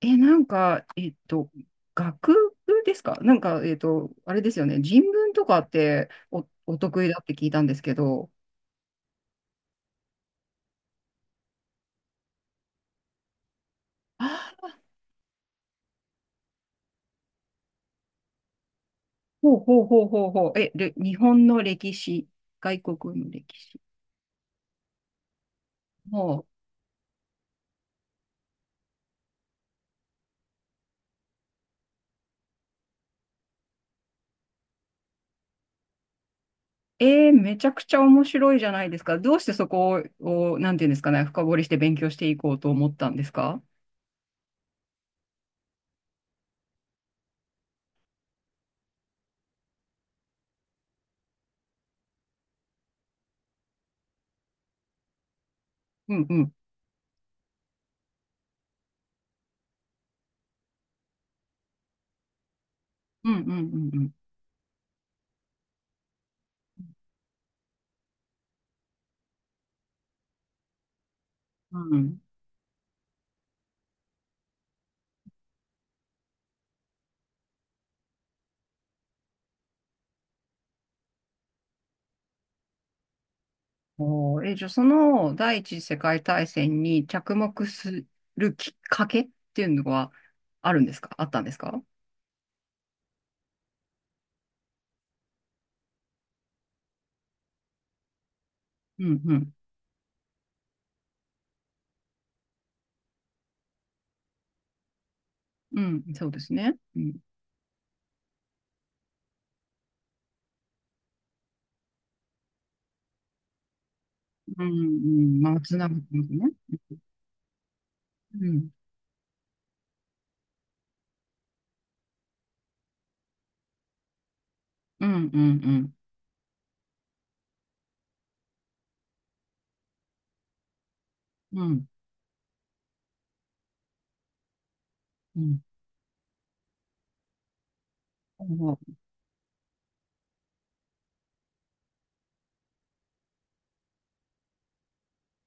なんか、学部ですか、なんか、あれですよね。人文とかってお得意だって聞いたんですけど。ああ、ほうほうほうほうほう。日本の歴史、外国の歴史。もう、めちゃくちゃ面白いじゃないですか。どうしてそこをなんていうんですかね、深掘りして勉強していこうと思ったんですか？うんうん。うんうんうんうん。うん。おー。じゃあ、その第一次世界大戦に着目するきっかけっていうのはあるんですか、あったんですか？うん、うん。うん、そうですね。うん、うん、うん。まあ、つながってますね。うん、うん、うん、うん、うん。うん。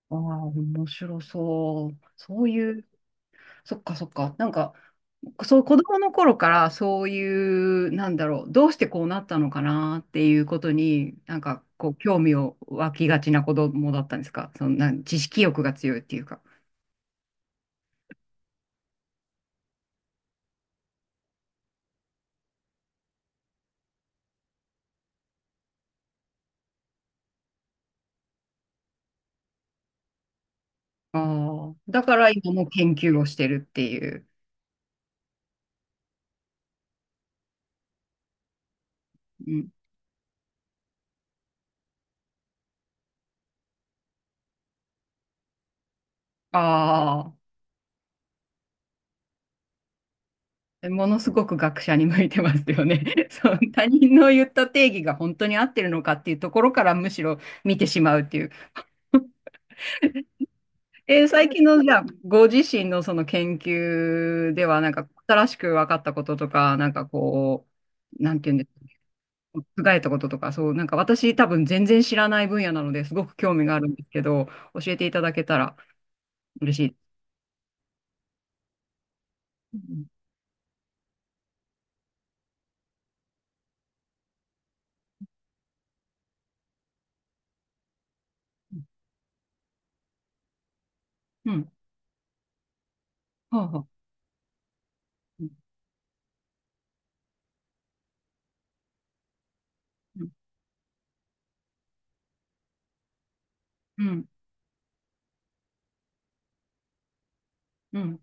ああー、面白そう。そういう、そっかそっか。なんか、そう、子供の頃からそういう、なんだろう、どうしてこうなったのかなっていうことに、なんかこう、興味を湧きがちな子供だったんですか？そんな知識欲が強いっていうか。ああ、だから今も研究をしてるっていう。うん。ああ、ものすごく学者に向いてますよね。そう、他人の言った定義が本当に合ってるのかっていうところからむしろ見てしまうっていう。最近の、じゃあ、ご自身のその研究では、なんか、新しく分かったこととか、なんかこう、なんていうんですか、覆えたこととか、そう、なんか私多分全然知らない分野なのですごく興味があるんですけど、教えていただけたら嬉しい。うん。うん。うん。はあはあ。うん。うん。うん。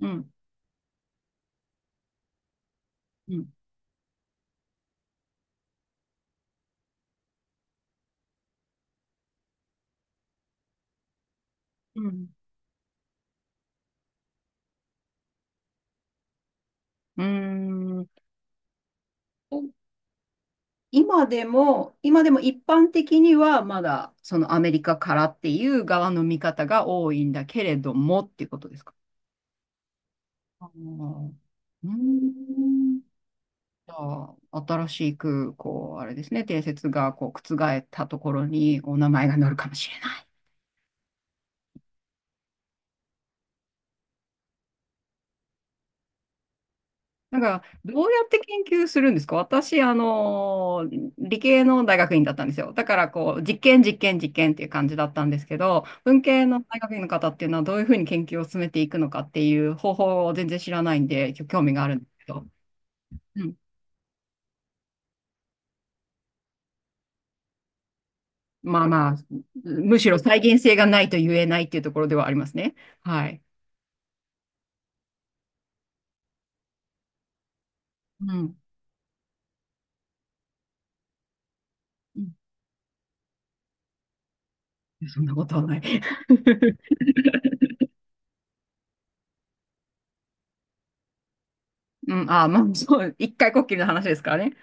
うん。うん。うん。うん。うーん。今でも、今でも一般的にはまだそのアメリカからっていう側の見方が多いんだけれどもっていうことですか？あー、うーん。じゃあ、新しく、こう、あれですね、定説がこう覆ったところにお名前が載るかもしれない。なんか、どうやって研究するんですか？私、あの、理系の大学院だったんですよ。だから、こう、実験、実験、実験っていう感じだったんですけど、文系の大学院の方っていうのは、どういうふうに研究を進めていくのかっていう方法を全然知らないんで、興味があるんですけど、うん、まあまあ、むしろ再現性がないと言えないっていうところではありますね。はい。うん。うん。そんなことはない。うん、ああ、まあ、そう、一回こっきりの話ですからね。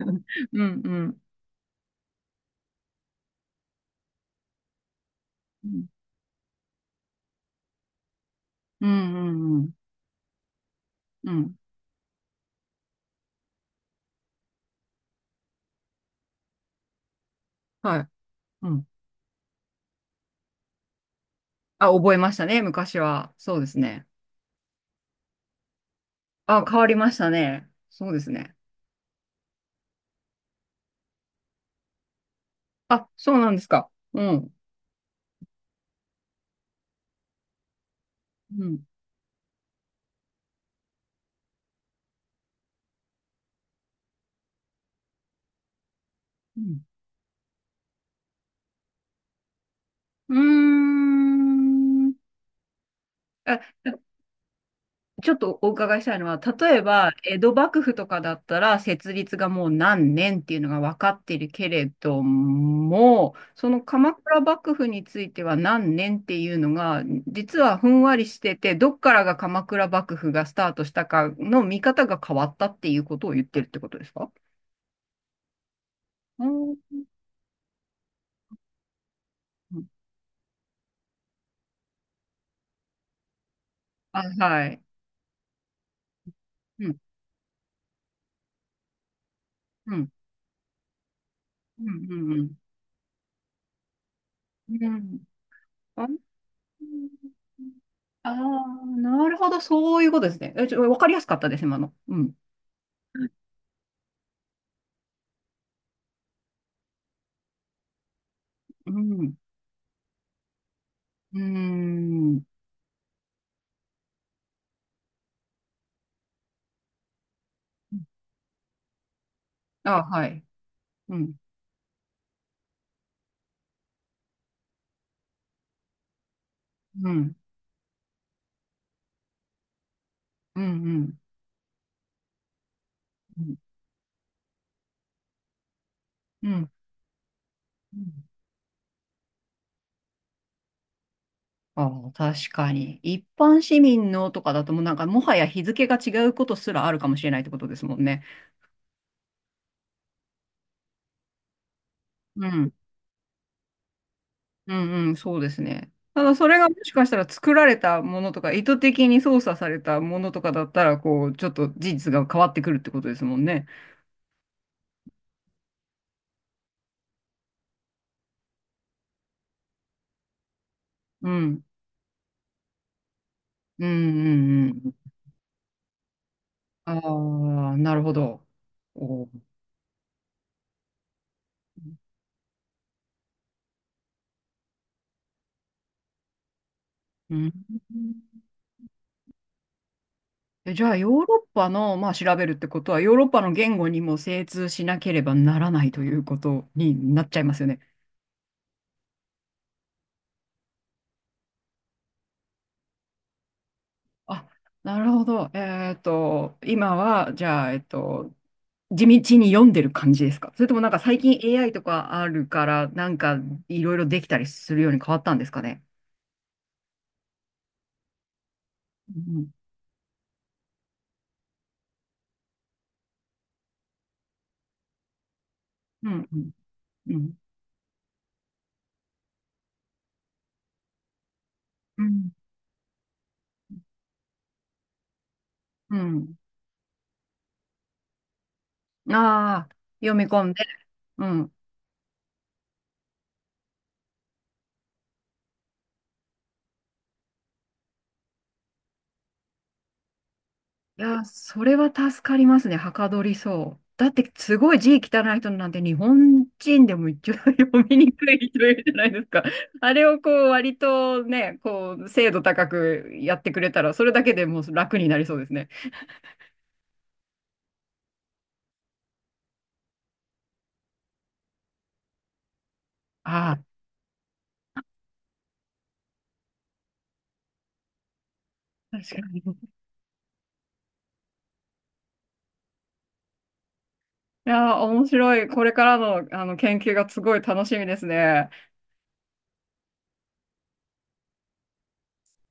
うん、うん、うん、うん、うん、うん。うん。はい。うん。あ、覚えましたね、昔は。そうですね。あ、変わりましたね。そうですね。あ、そうなんですか。うん。うん。うん。うーん。あ、ちょっとお伺いしたいのは、例えば、江戸幕府とかだったら、設立がもう何年っていうのが分かっているけれども、その鎌倉幕府については何年っていうのが、実はふんわりしてて、どっからが鎌倉幕府がスタートしたかの見方が変わったっていうことを言ってるってことですか？うん。あ、はい。うん、うん、うん、うん、うん。うん。あああ、なるほど、そういうことですね。え、ちょ、わかりやすかったです、今の。うん。うん。うん。あ、はい。うん。うん。うん。うん。うん。うん。ああ、確かに。一般市民のとかだともうなんかもはや日付が違うことすらあるかもしれないってことですもんね。うん。うんうん、そうですね。ただ、それがもしかしたら作られたものとか意図的に操作されたものとかだったら、こうちょっと事実が変わってくるってことですもんね。うん。うんうんうん。ああ、なるほど。おー。うん。え、じゃあ、ヨーロッパの、まあ、調べるってことは、ヨーロッパの言語にも精通しなければならないということになっちゃいますよね。あ、なるほど。今は、じゃあ、地道に読んでる感じですか？それともなんか最近 AI とかあるから、なんかいろいろできたりするように変わったんですかね。うん、うん、うん、うん、うん。うん。ああ、読み込んで。うん。いや、それは助かりますね。はかどりそう。だって、すごい字汚い人なんて、日本人でも一応 読みにくい人いるじゃないですか。あれをこう、割とね、こう、精度高くやってくれたら、それだけでもう楽になりそうですね。ああ、確かに。いやー、面白い。これからの、あの研究がすごい楽しみですね。